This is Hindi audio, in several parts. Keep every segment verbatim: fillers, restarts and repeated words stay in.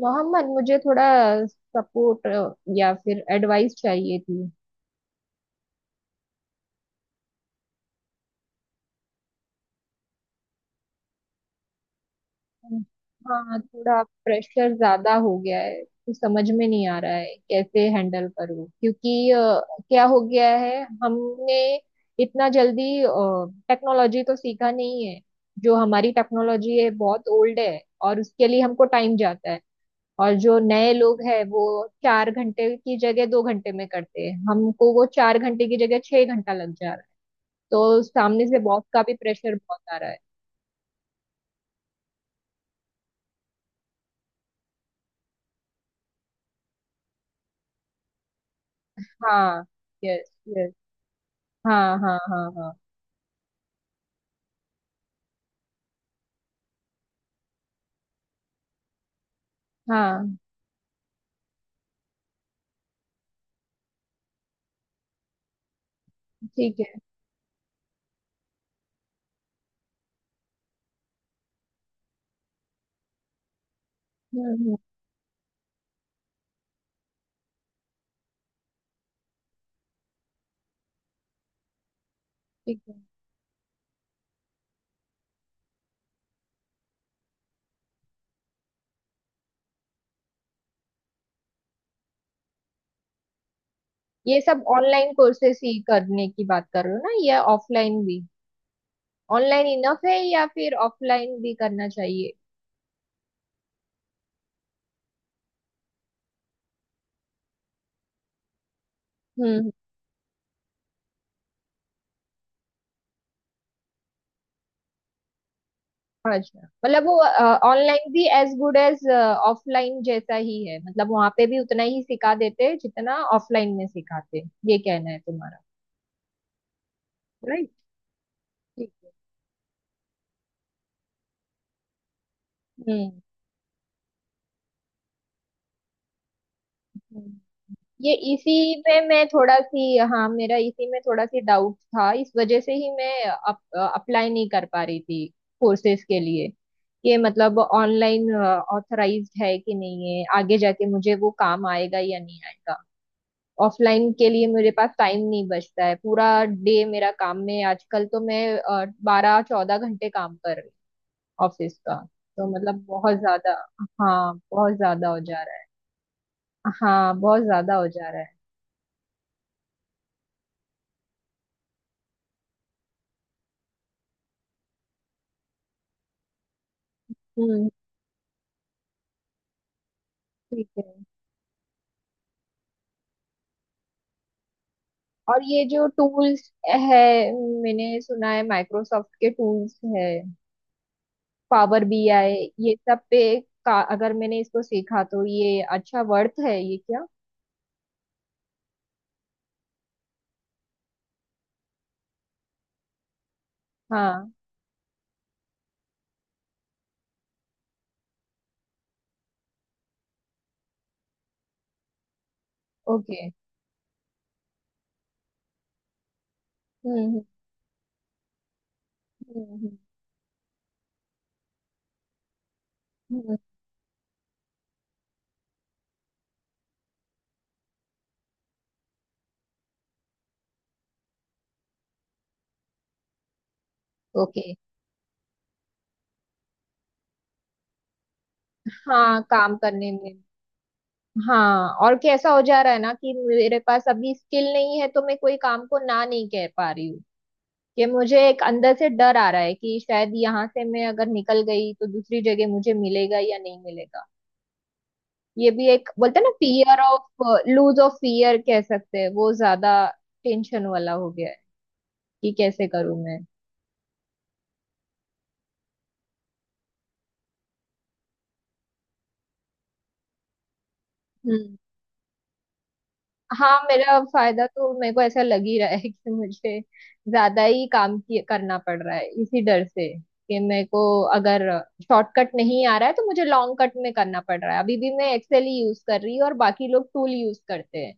मोहम्मद, मुझे थोड़ा सपोर्ट या फिर एडवाइस चाहिए थी। हाँ, थोड़ा प्रेशर ज्यादा हो गया है तो समझ में नहीं आ रहा है कैसे हैंडल करूँ क्योंकि अ, क्या हो गया है हमने इतना जल्दी टेक्नोलॉजी तो सीखा नहीं है। जो हमारी टेक्नोलॉजी है बहुत ओल्ड है और उसके लिए हमको टाइम जाता है। और जो नए लोग हैं वो चार घंटे की जगह दो घंटे में करते हैं, हमको वो चार घंटे की जगह छह घंटा लग जा रहा है। तो सामने से बॉस का भी प्रेशर बहुत आ रहा है। हाँ। यस। यस। हाँ हाँ हाँ हाँ। हाँ। ठीक है। हम्म हम्म। ठीक है। ये सब ऑनलाइन कोर्सेस ही करने की बात कर रहे हो ना, या ऑफलाइन भी? ऑनलाइन इनफ है या फिर ऑफलाइन भी करना चाहिए? हम्म हम्म। अच्छा, मतलब वो ऑनलाइन भी एज गुड एज ऑफलाइन जैसा ही है, मतलब वहां पे भी उतना ही सिखा देते हैं जितना ऑफलाइन में सिखाते हैं। ये कहना है तुम्हारा। राइट। ठीक है। हम्म हम्म। ये इसी में मैं थोड़ा सी, हाँ, मेरा इसी में थोड़ा सी डाउट था, इस वजह से ही मैं अप, अप्लाई नहीं कर पा रही थी कोर्सेज के लिए। कि मतलब ऑनलाइन ऑथराइज्ड है कि नहीं है, आगे जाके मुझे वो काम आएगा या नहीं आएगा। ऑफलाइन के लिए मेरे पास टाइम नहीं बचता है, पूरा डे मेरा काम में, आजकल तो मैं बारह चौदह घंटे काम कर रही हूँ ऑफिस का। तो मतलब बहुत ज्यादा, हाँ, बहुत ज्यादा हो जा रहा है। हाँ, बहुत ज्यादा हो जा रहा है। हम्म। ठीक है। और ये जो टूल्स है, मैंने सुना है माइक्रोसॉफ्ट के टूल्स है, पावर बीआई, ये सब पे का अगर मैंने इसको सीखा तो ये अच्छा वर्थ है, ये क्या? हाँ। ओके। हम्म हम्म हम्म। हम्म, ओके। हाँ, काम करने में। हाँ, और कैसा हो जा रहा है ना कि मेरे पास अभी स्किल नहीं है तो मैं कोई काम को ना नहीं कह पा रही हूँ। कि मुझे एक अंदर से डर आ रहा है कि शायद यहाँ से मैं अगर निकल गई तो दूसरी जगह मुझे मिलेगा या नहीं मिलेगा। ये भी एक बोलते हैं ना, fear of lose of fear कह सकते हैं, वो ज्यादा टेंशन वाला हो गया है कि कैसे करूं मैं। हम्म। हाँ, मेरा फायदा तो मेरे को ऐसा लग ही रहा है कि मुझे ज्यादा ही काम किए- करना पड़ रहा है इसी डर से कि मेरे को, अगर शॉर्टकट नहीं आ रहा है तो मुझे लॉन्ग कट में करना पड़ रहा है। अभी भी मैं एक्सेल ही यूज कर रही हूँ और बाकी लोग टूल यूज करते हैं,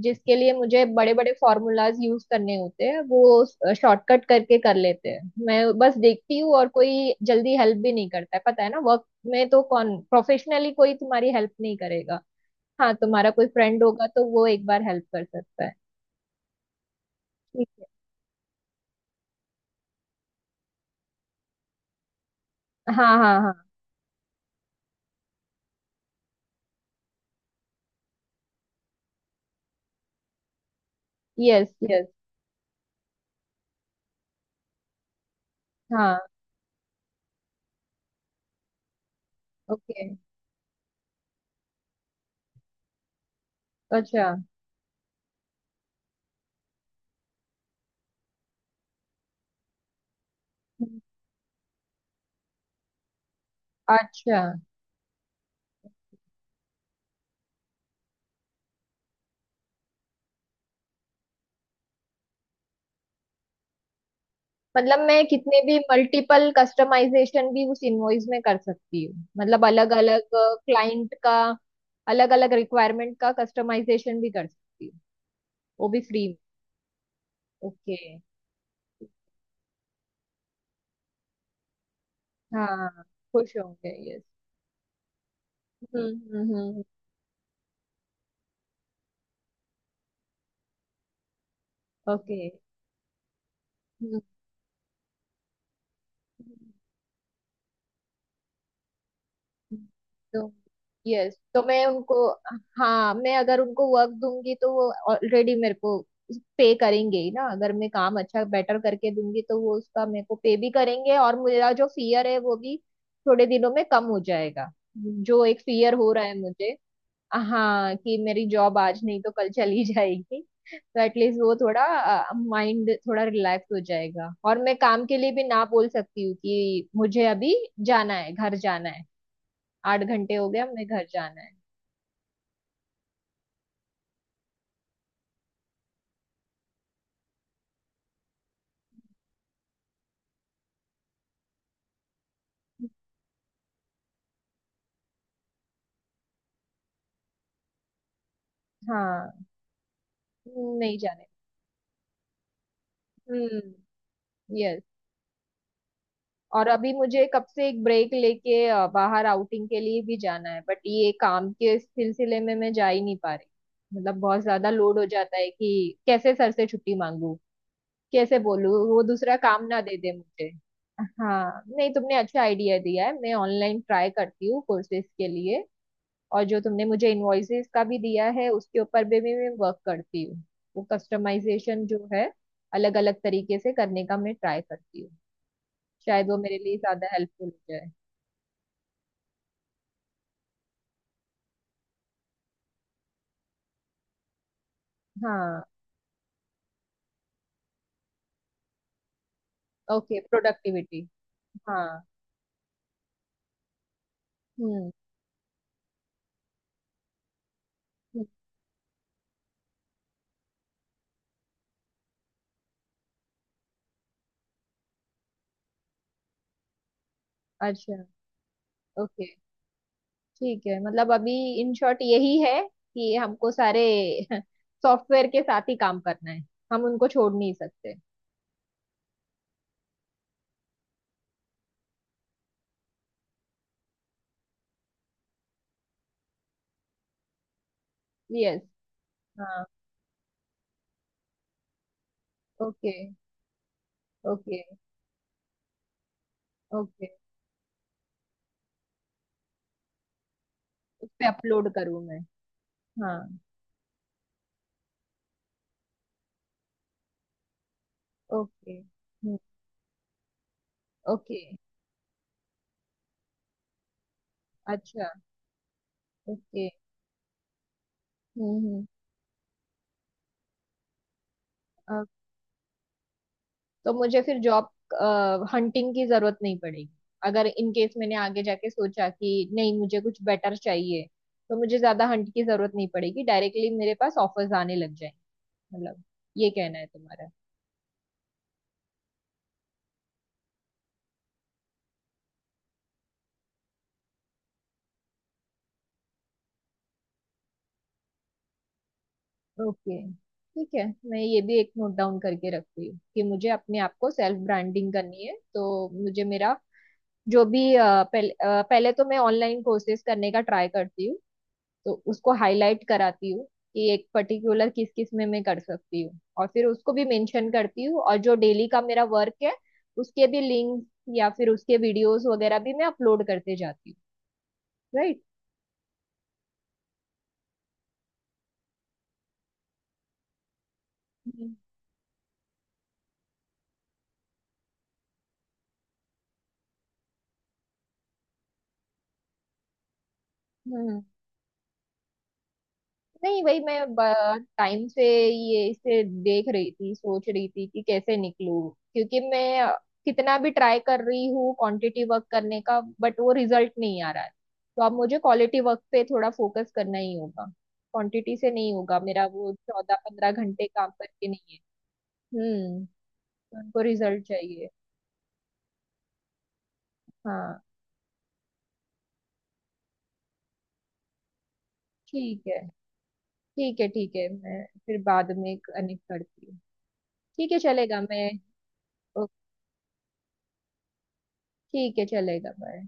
जिसके लिए मुझे बड़े बड़े फॉर्मूलाज यूज करने होते हैं, वो शॉर्टकट करके कर लेते हैं, मैं बस देखती हूँ, और कोई जल्दी हेल्प भी नहीं करता है, पता है ना, वर्क में तो कौन प्रोफेशनली कोई तुम्हारी हेल्प नहीं करेगा। हाँ, तुम्हारा कोई फ्रेंड होगा तो वो एक बार हेल्प कर सकता है। ठीक है। हाँ हाँ हाँ। Yes yes. हाँ। ओके। अच्छा। अच्छा, मतलब मैं कितने भी मल्टीपल कस्टमाइजेशन भी उस इनवॉइस में कर सकती हूँ, मतलब अलग अलग क्लाइंट का, अलग अलग रिक्वायरमेंट का कस्टमाइजेशन भी कर सकती हूँ, वो भी फ्री में? ओके। हाँ, खुश होंगे, यस। हम्म हम्म हम्म। ओके। हम्म हम्म, तो यस, तो मैं उनको, हाँ, मैं अगर उनको वर्क दूंगी तो वो ऑलरेडी मेरे को पे करेंगे ही ना, अगर मैं काम अच्छा बेटर करके दूंगी तो वो उसका मेरे को पे भी करेंगे, और मेरा जो फियर है वो भी थोड़े दिनों में कम हो जाएगा। जो एक फियर हो रहा है मुझे, हाँ, कि मेरी जॉब आज नहीं तो कल चली जाएगी। तो एटलीस्ट वो थोड़ा माइंड, थोड़ा रिलैक्स हो जाएगा, और मैं काम के लिए भी ना बोल सकती हूँ कि मुझे अभी जाना है, घर जाना है। आठ घंटे हो गया, मैं घर जाना है। हाँ। नहीं जाने। हम्म। यस। और अभी मुझे कब से एक ब्रेक लेके अ, बाहर आउटिंग के लिए भी जाना है, बट ये काम के सिलसिले में मैं जा ही नहीं पा रही, मतलब बहुत ज्यादा लोड हो जाता है कि कैसे सर से छुट्टी मांगू, कैसे बोलूँ वो दूसरा काम ना दे दे मुझे। हाँ, नहीं, तुमने अच्छा आइडिया दिया है, मैं ऑनलाइन ट्राई करती हूँ कोर्सेज के लिए, और जो तुमने मुझे इनवॉइसेस का भी दिया है उसके ऊपर भी भी मैं वर्क करती हूँ। वो कस्टमाइजेशन जो है, अलग अलग तरीके से करने का मैं ट्राई करती हूँ, शायद वो मेरे लिए ज्यादा हेल्पफुल हो जाए। हाँ। Okay, productivity. हाँ। हम्म हम्म। अच्छा। ओके। ठीक है, मतलब अभी इन शॉर्ट यही है कि हमको सारे सॉफ्टवेयर के साथ ही काम करना है, हम उनको छोड़ नहीं सकते। यस। हाँ। ओके। ओके। ओके। उस पे अपलोड करूँ मैं? हाँ। ओके। हम्म। ओके। अच्छा। ओके। हम्म हम्म। अ, तो मुझे फिर जॉब हंटिंग की जरूरत नहीं पड़ेगी, अगर इन केस मैंने आगे जाके सोचा कि नहीं मुझे कुछ बेटर चाहिए तो मुझे ज्यादा हंट की जरूरत नहीं पड़ेगी, डायरेक्टली मेरे पास ऑफर्स आने लग जाएंगे, मतलब, ये कहना है तुम्हारा। ओके। ठीक है, मैं ये भी एक नोट डाउन करके रखती हूँ कि मुझे अपने आप को सेल्फ ब्रांडिंग करनी है, तो मुझे मेरा जो भी अ, पहले अ, पहले तो मैं ऑनलाइन कोर्सेज करने का ट्राई करती हूँ, तो उसको हाईलाइट कराती हूँ कि एक पर्टिकुलर किस किस में मैं कर सकती हूँ, और फिर उसको भी मेंशन करती हूँ, और जो डेली का मेरा वर्क है उसके भी लिंक या फिर उसके वीडियोस वगैरह भी मैं अपलोड करते जाती हूँ। राइट। हम्म। नहीं, वही मैं टाइम से ये इसे देख रही थी, सोच रही थी कि कैसे निकलूं, क्योंकि मैं कितना भी ट्राई कर रही हूँ क्वांटिटी वर्क करने का, बट वो रिजल्ट नहीं आ रहा है। तो अब मुझे क्वालिटी वर्क पे थोड़ा फोकस करना ही होगा, क्वांटिटी से नहीं होगा मेरा, वो चौदह पंद्रह घंटे काम करके नहीं है। हम्म। तो उनको रिजल्ट चाहिए। हाँ। ठीक है। ठीक है। ठीक है, मैं फिर बाद में कनेक्ट करती हूँ। ठीक है, चलेगा, मैं ओ- ठीक है, चलेगा, बाय।